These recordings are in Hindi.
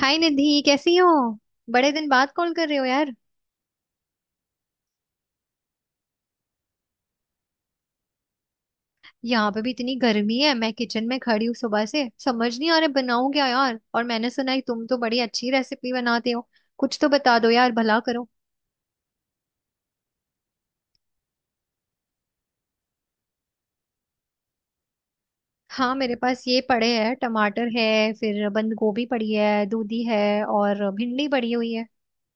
हाय निधि, कैसी हो। बड़े दिन बाद कॉल कर रहे हो यार। यहाँ पे भी इतनी गर्मी है, मैं किचन में खड़ी हूँ सुबह से, समझ नहीं आ रहा बनाऊं क्या यार। और मैंने सुना है तुम तो बड़ी अच्छी रेसिपी बनाते हो, कुछ तो बता दो यार, भला करो। हाँ मेरे पास ये पड़े हैं, टमाटर है, फिर बंद गोभी पड़ी है, दूधी है, और भिंडी पड़ी हुई है।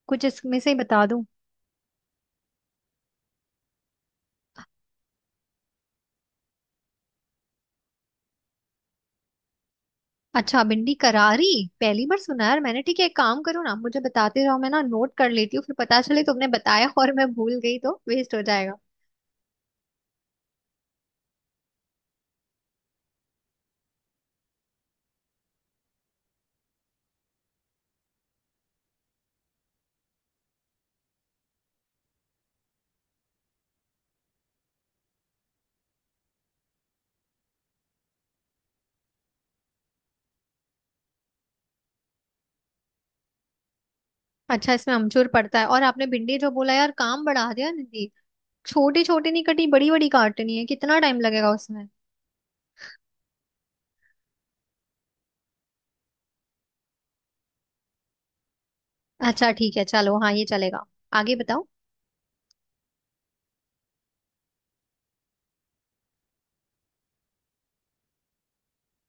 कुछ इसमें से ही बता दूं। अच्छा भिंडी करारी, पहली बार सुना यार मैंने। ठीक है एक काम करो ना, मुझे बताते रहो, मैं ना नोट कर लेती हूँ, फिर पता चले तुमने बताया और मैं भूल गई तो वेस्ट हो जाएगा। अच्छा, इसमें अमचूर पड़ता है। और आपने भिंडी जो बोला यार, काम बढ़ा दिया दीदी। छोटी छोटी नहीं कटी, बड़ी बड़ी काटनी है, कितना टाइम लगेगा उसमें। अच्छा ठीक है, चलो हाँ ये चलेगा। आगे बताओ।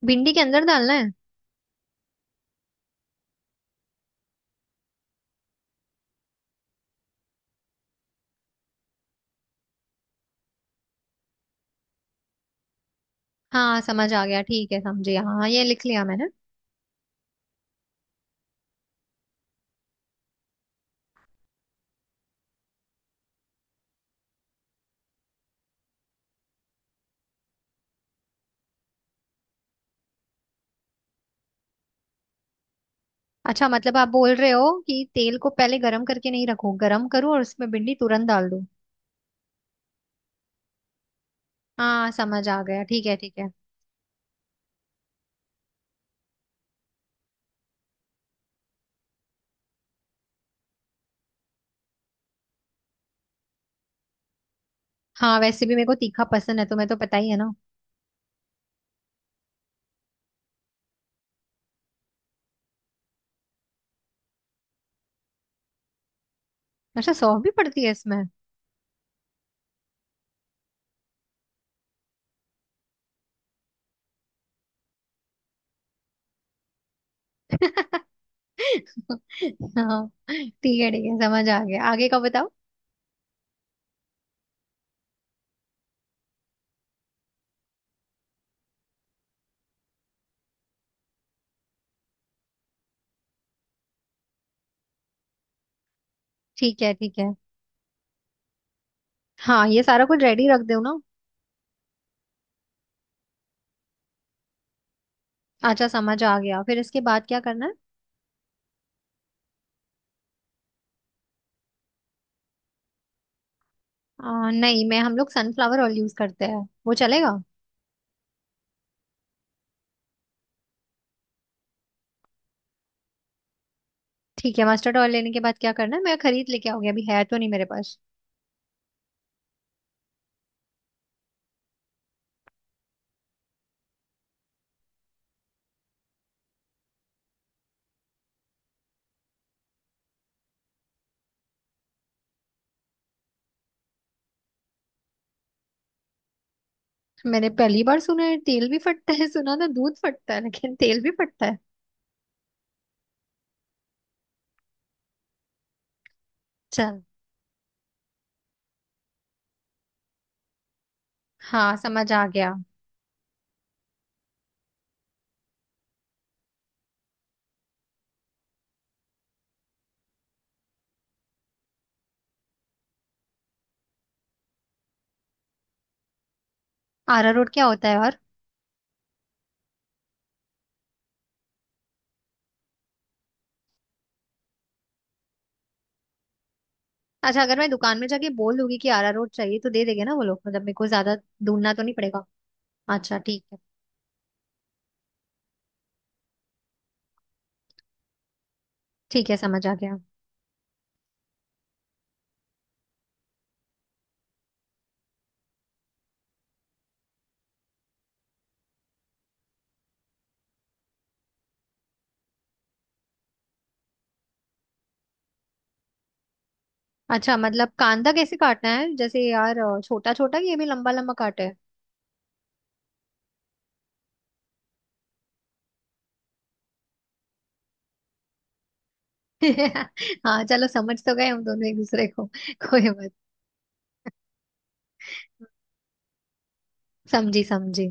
भिंडी के अंदर डालना है? हाँ समझ आ गया, ठीक है, समझे, हाँ हाँ, ये लिख लिया मैंने। अच्छा मतलब आप बोल रहे हो कि तेल को पहले गर्म करके नहीं रखो, गर्म करो और उसमें भिंडी तुरंत डाल दो। हाँ समझ आ गया, ठीक है ठीक है। हाँ वैसे भी मेरे को तीखा पसंद है, तो मैं तो, पता ही है ना। अच्छा सौंफ भी पड़ती है इसमें? हाँ ठीक है ठीक है, समझ आ गया, आगे का बताओ। ठीक है ठीक है। हाँ ये सारा कुछ रेडी रख दो ना। अच्छा समझ आ गया, फिर इसके बाद क्या करना है। नहीं मैं, हम लोग सनफ्लावर ऑयल यूज करते हैं, वो चलेगा? ठीक है मस्टर्ड ऑयल लेने के बाद क्या करना है, मैं खरीद लेके आऊंगी, अभी है तो नहीं मेरे पास। मैंने पहली बार सुना है तेल भी फटता है, सुना था दूध फटता है, लेकिन तेल भी फटता है। चल, हाँ समझ आ गया। अरारोट क्या होता है? और अच्छा, अगर मैं दुकान में जाके बोल दूंगी कि अरारोट चाहिए तो दे देंगे ना वो लोग, मतलब मेरे को ज्यादा ढूंढना तो नहीं पड़ेगा। अच्छा ठीक है, ठीक है समझ आ गया। अच्छा मतलब कांदा कैसे काटना है जैसे, यार छोटा छोटा, कि ये भी लंबा लंबा काटे? हाँ चलो, समझ तो गए हम दोनों एक दूसरे को। कोई बात। समझी समझी।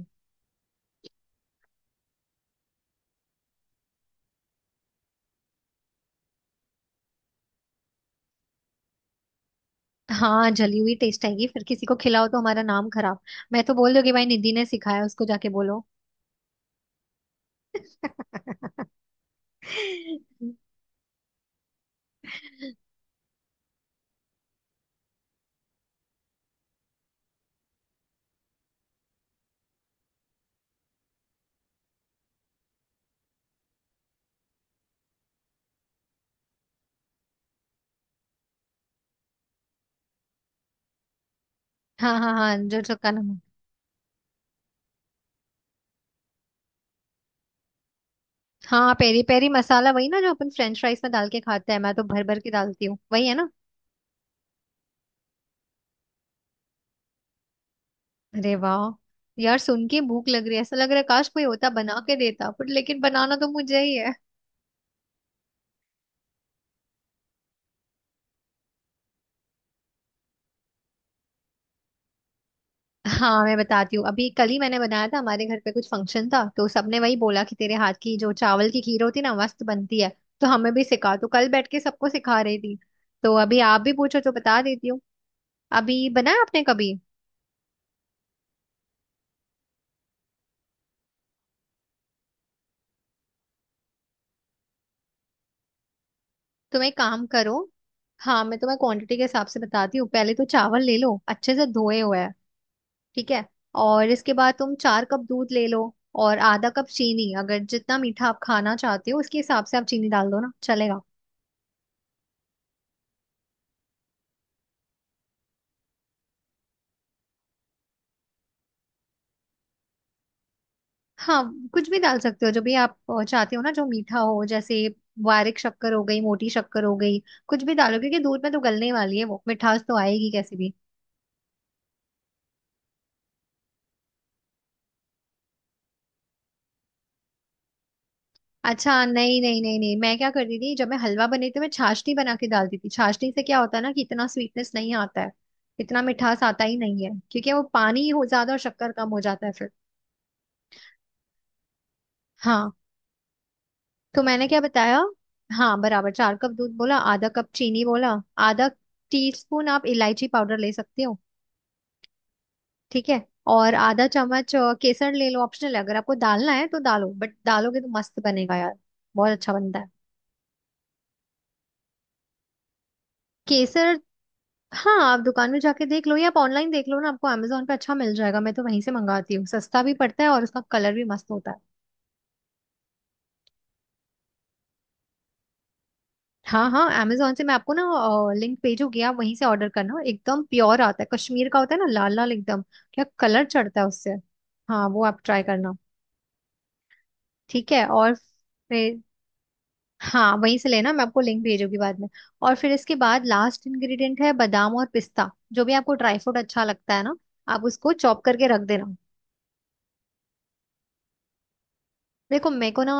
हाँ जली हुई टेस्ट आएगी फिर, किसी को खिलाओ तो हमारा नाम खराब। मैं तो बोल दूंगी, भाई निधि ने सिखाया, उसको जाके बोलो। हाँ हाँ हाँ, जो चक्का नमक। हाँ पेरी पेरी मसाला, वही ना जो अपन फ्रेंच फ्राइज में डाल के खाते हैं, मैं तो भर भर के डालती हूँ, वही है ना। अरे वाह। यार सुन के भूख लग रही है, ऐसा लग रहा है काश कोई होता बना के देता, पर लेकिन बनाना तो मुझे ही है। हाँ मैं बताती हूँ। अभी कल ही मैंने बनाया था, हमारे घर पे कुछ फंक्शन था, तो सबने वही बोला कि तेरे हाथ की जो चावल की खीर होती ना, मस्त बनती है, तो हमें भी सिखा, तो कल बैठ के सबको सिखा रही थी। तो अभी आप भी पूछो तो बता देती हूँ। अभी बनाया आपने कभी? तुम एक काम करो। हाँ मैं तुम्हें क्वांटिटी के हिसाब से बताती हूँ। पहले तो चावल ले लो अच्छे से धोए हुए, ठीक है। और इसके बाद तुम 4 कप दूध ले लो, और आधा कप चीनी, अगर जितना मीठा आप खाना चाहते हो उसके हिसाब से आप चीनी डाल दो ना, चलेगा। हाँ कुछ भी डाल सकते हो, जो भी आप चाहते हो ना, जो मीठा हो, जैसे बारीक शक्कर हो गई, मोटी शक्कर हो गई, कुछ भी डालो, क्योंकि दूध में तो गलने वाली है वो, मिठास तो आएगी कैसे भी। अच्छा नहीं नहीं नहीं नहीं, मैं क्या करती थी जब मैं हलवा बनाती थी, मैं छाछनी बना के डालती थी। छाछनी से क्या होता है ना, कि इतना स्वीटनेस नहीं आता है, इतना मिठास आता ही नहीं है, क्योंकि वो पानी हो ज्यादा और शक्कर कम हो जाता है फिर। हाँ तो मैंने क्या बताया। हाँ बराबर, 4 कप दूध बोला, आधा कप चीनी बोला, आधा टीस्पून आप इलायची पाउडर ले सकते हो, ठीक है। और आधा चम्मच केसर ले लो, ऑप्शनल है, अगर आपको डालना है तो डालो, बट डालोगे तो मस्त बनेगा यार, बहुत अच्छा बनता है। केसर, हाँ आप दुकान में जाके देख लो, या आप ऑनलाइन देख लो ना, आपको अमेजोन पे अच्छा मिल जाएगा, मैं तो वहीं से मंगाती हूँ, सस्ता भी पड़ता है, और उसका कलर भी मस्त होता है। हाँ हाँ, amazon से मैं आपको ना लिंक भेजूंगी, आप वहीं से ऑर्डर करना, एकदम प्योर आता है, कश्मीर का होता है ना, लाल लाल एकदम, क्या कलर चढ़ता है उससे। हाँ वो आप ट्राई करना, ठीक है। और फिर हाँ वहीं से लेना, मैं आपको लिंक भेजूंगी बाद में। और फिर इसके बाद लास्ट इंग्रेडिएंट है बादाम और पिस्ता, जो भी आपको ड्राई फ्रूट अच्छा लगता है ना आप उसको चॉप करके रख देना। देखो मेरे को ना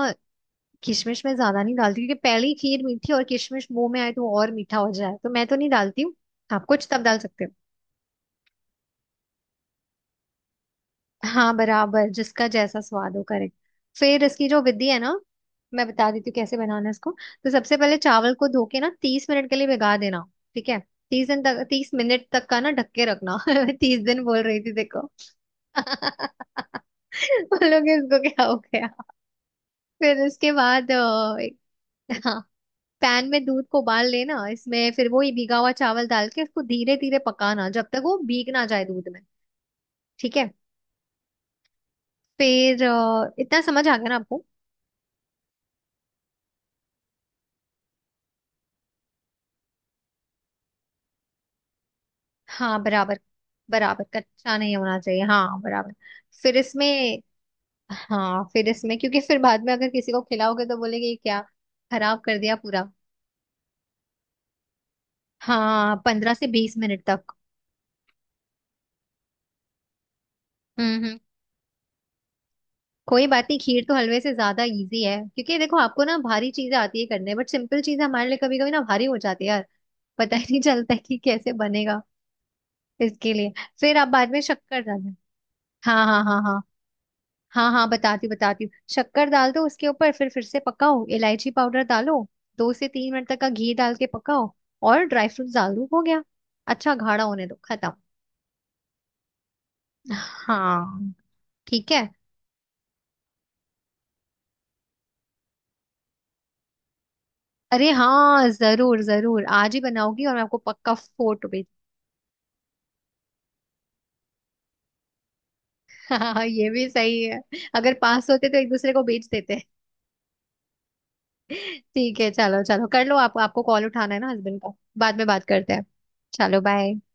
किशमिश में ज्यादा नहीं डालती, क्योंकि पहली खीर मीठी, और किशमिश मुंह में आए तो और मीठा हो जाए, तो मैं तो नहीं डालती हूँ, आप कुछ तब डाल सकते हो। हाँ बराबर, जिसका जैसा स्वाद हो, करेक्ट। फिर इसकी जो विधि है ना, मैं बता देती हूँ कैसे बनाना है इसको। तो सबसे पहले चावल को धो के ना 30 मिनट के लिए भिगा देना, ठीक है। तीस दिन तक, 30 मिनट तक का ना ढक के रखना। मैं 30 दिन बोल रही थी देखो। बोलोगे इसको क्या हो गया। फिर उसके बाद हाँ पैन में दूध को उबाल लेना, इसमें फिर वही भीगा हुआ चावल डाल के उसको धीरे धीरे पकाना, जब तक वो भीग ना जाए दूध में, ठीक है। फिर इतना समझ आ गया ना आपको। हाँ बराबर, बराबर, कच्चा नहीं होना चाहिए, हाँ बराबर। फिर इसमें, हाँ फिर इसमें, क्योंकि फिर बाद में अगर किसी को खिलाओगे तो बोलेंगे, "ये क्या, खराब कर दिया पूरा।" हाँ 15 से 20 मिनट तक। हम्म, कोई बात नहीं, खीर तो हलवे से ज्यादा इजी है, क्योंकि देखो आपको ना भारी चीजें आती है करने, बट सिंपल चीज हमारे लिए कभी कभी ना भारी हो जाती है यार, पता ही नहीं चलता है कि कैसे बनेगा। इसके लिए फिर आप बाद में शक्कर डालें। हाँ हाँ हाँ हाँ, हाँ हाँ बताती हूँ बताती हूँ। शक्कर डाल दो उसके ऊपर, फिर से पकाओ, इलायची पाउडर डालो, 2 से 3 मिनट तक का घी डाल के पकाओ, और ड्राई फ्रूट्स डाल दो, हो गया। अच्छा गाढ़ा होने दो, खत्म। हाँ ठीक है। अरे हाँ जरूर जरूर, आज ही बनाओगी और मैं आपको पक्का फोटो भेज। हाँ ये भी सही है, अगर पास होते तो एक दूसरे को बेच देते। ठीक है चलो चलो कर लो, आप आपको कॉल उठाना है ना हस्बैंड का, बाद में बात करते हैं। चलो बाय।